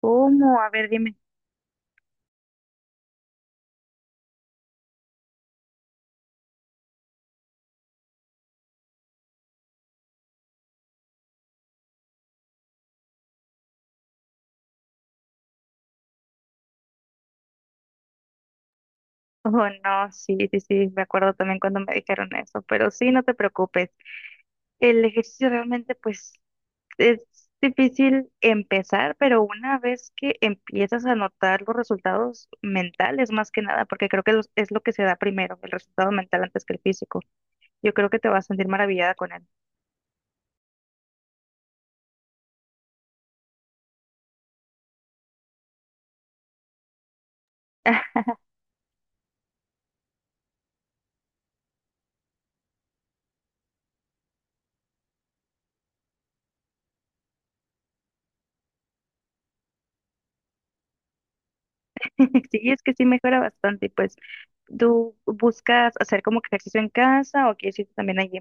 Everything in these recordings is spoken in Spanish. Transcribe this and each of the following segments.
¿Cómo? A ver, dime. Oh, no, sí, sí, sí, me acuerdo también cuando me dijeron eso, pero sí, no te preocupes. El ejercicio realmente, pues, es difícil empezar, pero una vez que empiezas a notar los resultados mentales, más que nada, porque creo que es lo que se da primero, el resultado mental antes que el físico. Yo creo que te vas a sentir maravillada con él. Sí, es que sí mejora bastante, y pues, ¿tú buscas hacer como que ejercicio en casa o quieres ir también allí?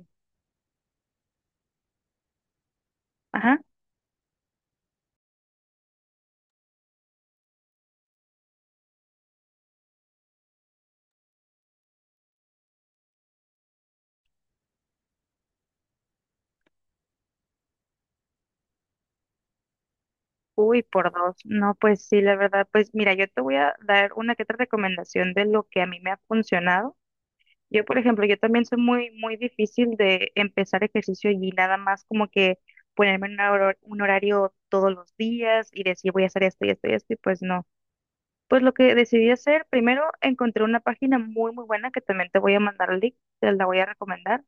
Uy, por dos. No, pues sí, la verdad, pues mira, yo te voy a dar una que otra recomendación de lo que a mí me ha funcionado. Yo, por ejemplo, yo también soy muy, muy difícil de empezar ejercicio y nada más como que ponerme en un un horario todos los días y decir voy a hacer esto y esto y esto, y pues no. Pues lo que decidí hacer, primero encontré una página muy, muy buena que también te voy a mandar el link, te la voy a recomendar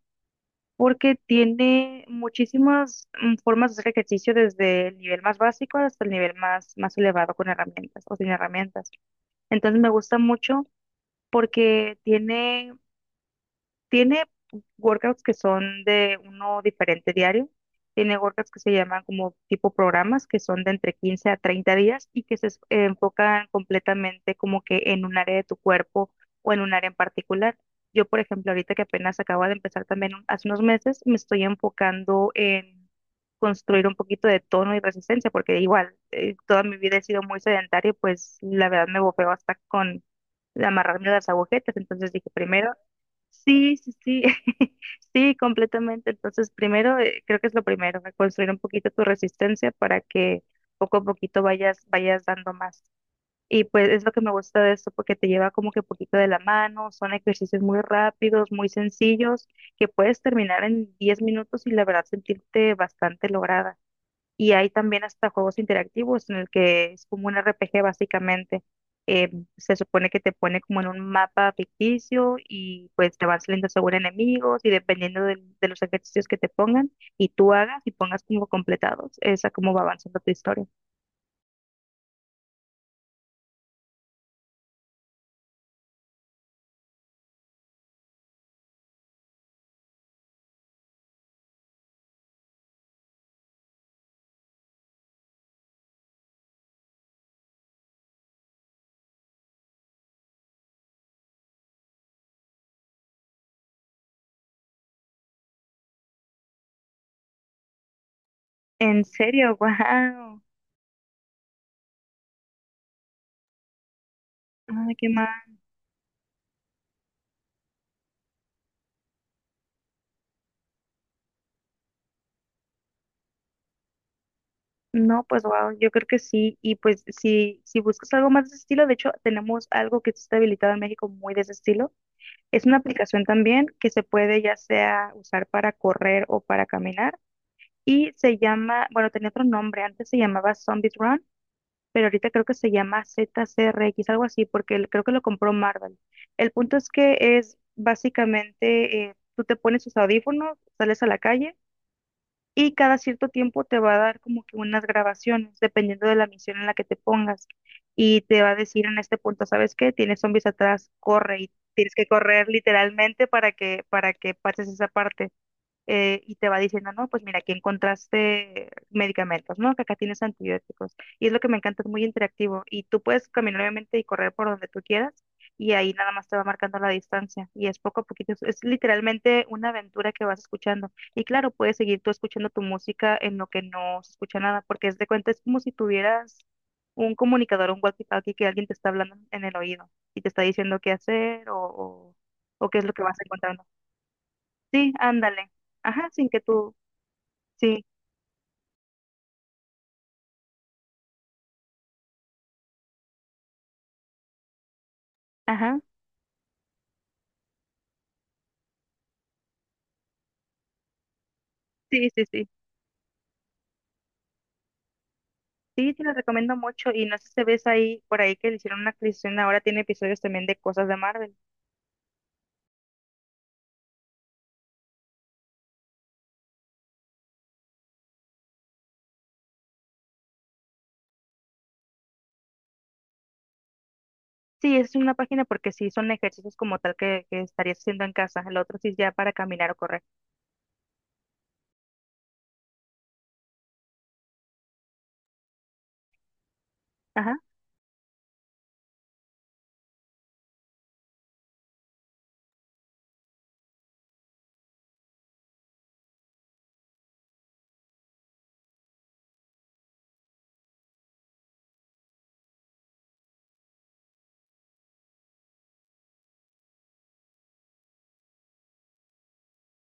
porque tiene muchísimas formas de hacer ejercicio desde el nivel más básico hasta el nivel más, más elevado con herramientas o sin herramientas. Entonces me gusta mucho porque tiene workouts que son de uno diferente diario. Tiene workouts que se llaman como tipo programas, que son de entre 15 a 30 días y que enfocan completamente como que en un área de tu cuerpo o en un área en particular. Yo, por ejemplo, ahorita que apenas acabo de empezar también hace unos meses, me estoy enfocando en construir un poquito de tono y resistencia, porque igual toda mi vida he sido muy sedentaria y pues la verdad me bofeo hasta con amarrarme las agujetas. Entonces dije, primero. Sí, sí, sí, sí, completamente. Entonces, primero, creo que es lo primero, construir un poquito tu resistencia para que poco a poquito vayas dando más. Y pues es lo que me gusta de esto, porque te lleva como que poquito de la mano, son ejercicios muy rápidos, muy sencillos, que puedes terminar en 10 minutos y la verdad sentirte bastante lograda. Y hay también hasta juegos interactivos en el que es como un RPG básicamente. Eh, Se supone que te pone como en un mapa ficticio y pues te van saliendo según enemigos y dependiendo de los ejercicios que te pongan y tú hagas y pongas como completados, esa como va avanzando tu historia. En serio, wow. Ay, qué mal. No, pues wow, yo creo que sí. Y pues si buscas algo más de ese estilo, de hecho tenemos algo que está habilitado en México muy de ese estilo. Es una aplicación también que se puede ya sea usar para correr o para caminar y se llama, bueno, tenía otro nombre, antes se llamaba Zombies Run, pero ahorita creo que se llama ZCRX, algo así, porque creo que lo compró Marvel. El punto es que es básicamente, tú te pones tus audífonos, sales a la calle y cada cierto tiempo te va a dar como que unas grabaciones, dependiendo de la misión en la que te pongas, y te va a decir en este punto, ¿sabes qué? Tienes zombies atrás, corre y tienes que correr literalmente para que pases esa parte. Y te va diciendo, no, pues mira, aquí encontraste medicamentos, ¿no? Que acá tienes antibióticos. Y es lo que me encanta, es muy interactivo. Y tú puedes caminar obviamente y correr por donde tú quieras y ahí nada más te va marcando la distancia. Y es poco a poquito, es literalmente una aventura que vas escuchando. Y claro, puedes seguir tú escuchando tu música en lo que no se escucha nada, porque es de cuenta, es como si tuvieras un comunicador, un walkie-talkie que alguien te está hablando en el oído y te está diciendo qué hacer o o qué es lo que vas a encontrar. Sí, ándale. Ajá, sin que tú, sí, ajá, sí, sí, sí. Sí, te lo recomiendo mucho y no sé si ves ahí, por ahí que le hicieron una actualización, ahora tiene episodios también de cosas de Marvel. Sí, es una página porque sí son ejercicios como tal que estarías haciendo en casa, el otro sí es ya para caminar o correr. Ajá.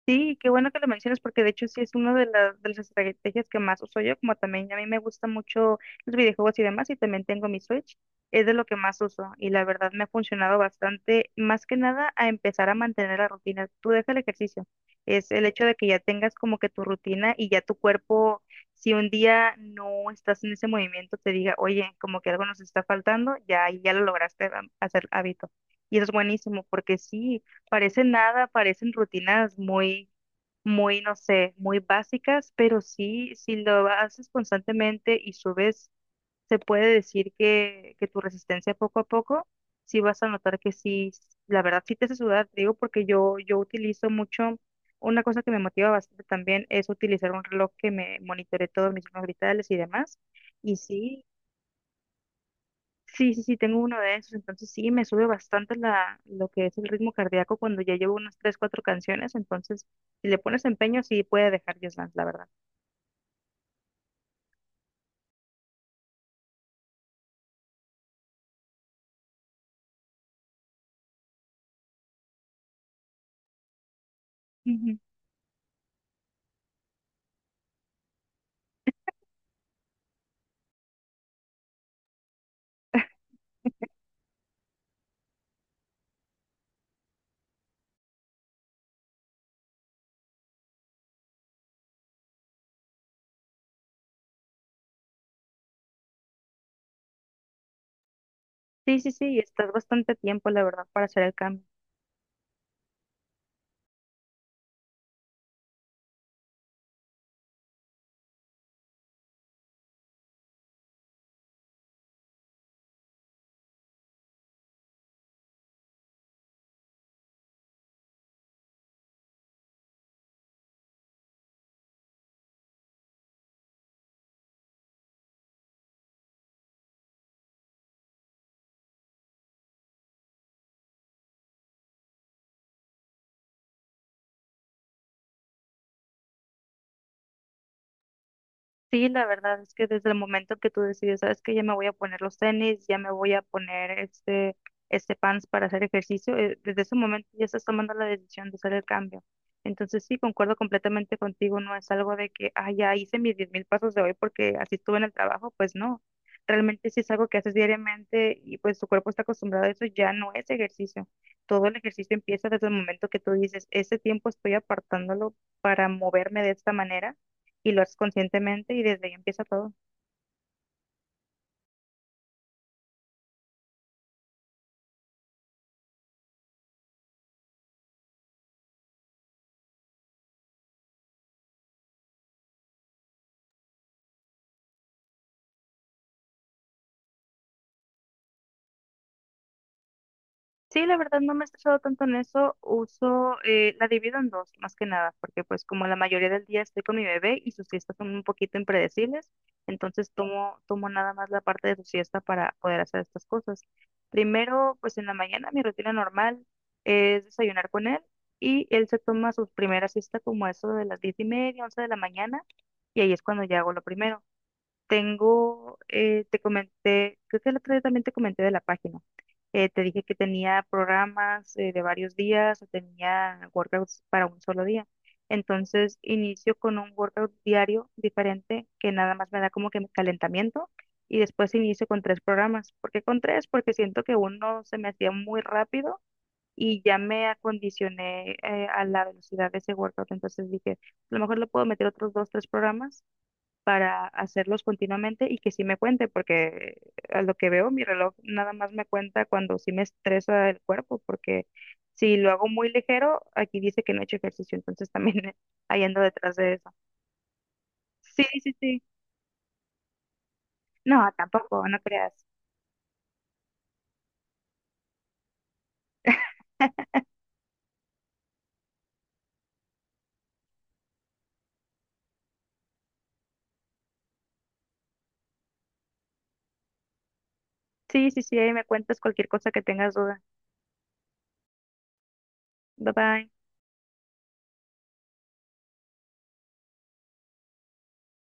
Sí, qué bueno que lo mencionas porque de hecho sí es una de de las estrategias que más uso yo, como también a mí me gustan mucho los videojuegos y demás y también tengo mi Switch, es de lo que más uso y la verdad me ha funcionado bastante, más que nada a empezar a mantener la rutina. Tú deja el ejercicio, es el hecho de que ya tengas como que tu rutina y ya tu cuerpo, si un día no estás en ese movimiento, te diga, oye, como que algo nos está faltando, ya, ahí ya lo lograste hacer hábito. Y eso es buenísimo porque sí. Parecen nada, parecen rutinas muy, muy, no sé, muy básicas, pero sí, si lo haces constantemente y subes, se puede decir que tu resistencia poco a poco, sí vas a notar que sí, la verdad sí te hace sudar, te digo, porque yo utilizo mucho, una cosa que me motiva bastante también es utilizar un reloj que me monitore todos mis signos vitales y demás, y sí. Sí, sí, sí, tengo uno de esos, entonces sí, me sube bastante lo que es el ritmo cardíaco cuando ya llevo unas tres, cuatro canciones, entonces si le pones empeño sí puede dejar Just Dance, la verdad. Ujú. Sí, sí, sí, estás bastante tiempo, la verdad, para hacer el cambio. Sí, la verdad es que desde el momento que tú decides, sabes que ya me voy a poner los tenis, ya me voy a poner este pants para hacer ejercicio, desde ese momento ya estás tomando la decisión de hacer el cambio. Entonces sí, concuerdo completamente contigo, no es algo de que, ah, ya hice mis 10.000 pasos de hoy porque así estuve en el trabajo, pues no, realmente sí es algo que haces diariamente y pues tu cuerpo está acostumbrado a eso, ya no es ejercicio. Todo el ejercicio empieza desde el momento que tú dices, ese tiempo estoy apartándolo para moverme de esta manera y lo haces conscientemente y desde ahí empieza todo. Sí, la verdad no me he estresado tanto en eso, uso, la divido en dos, más que nada, porque pues como la mayoría del día estoy con mi bebé y sus siestas son un poquito impredecibles, entonces tomo nada más la parte de su siesta para poder hacer estas cosas. Primero, pues en la mañana mi rutina normal es desayunar con él y él se toma su primera siesta como a eso de las 10:30, 11 de la mañana y ahí es cuando ya hago lo primero. Tengo, te comenté, creo que el otro día también te comenté de la página. Te dije que tenía programas de varios días o tenía workouts para un solo día. Entonces inicio con un workout diario diferente que nada más me da como que mi calentamiento y después inicio con tres programas. ¿Por qué con tres? Porque siento que uno se me hacía muy rápido y ya me acondicioné a la velocidad de ese workout. Entonces dije, a lo mejor le puedo meter otros dos, tres programas para hacerlos continuamente y que sí me cuente, porque a lo que veo mi reloj nada más me cuenta cuando sí me estresa el cuerpo, porque si lo hago muy ligero, aquí dice que no he hecho ejercicio, entonces también ahí ando detrás de eso. Sí, sí, sí. No, tampoco, no creas. Sí, sí, sí, ahí me cuentas cualquier cosa que tengas duda. Bye bye.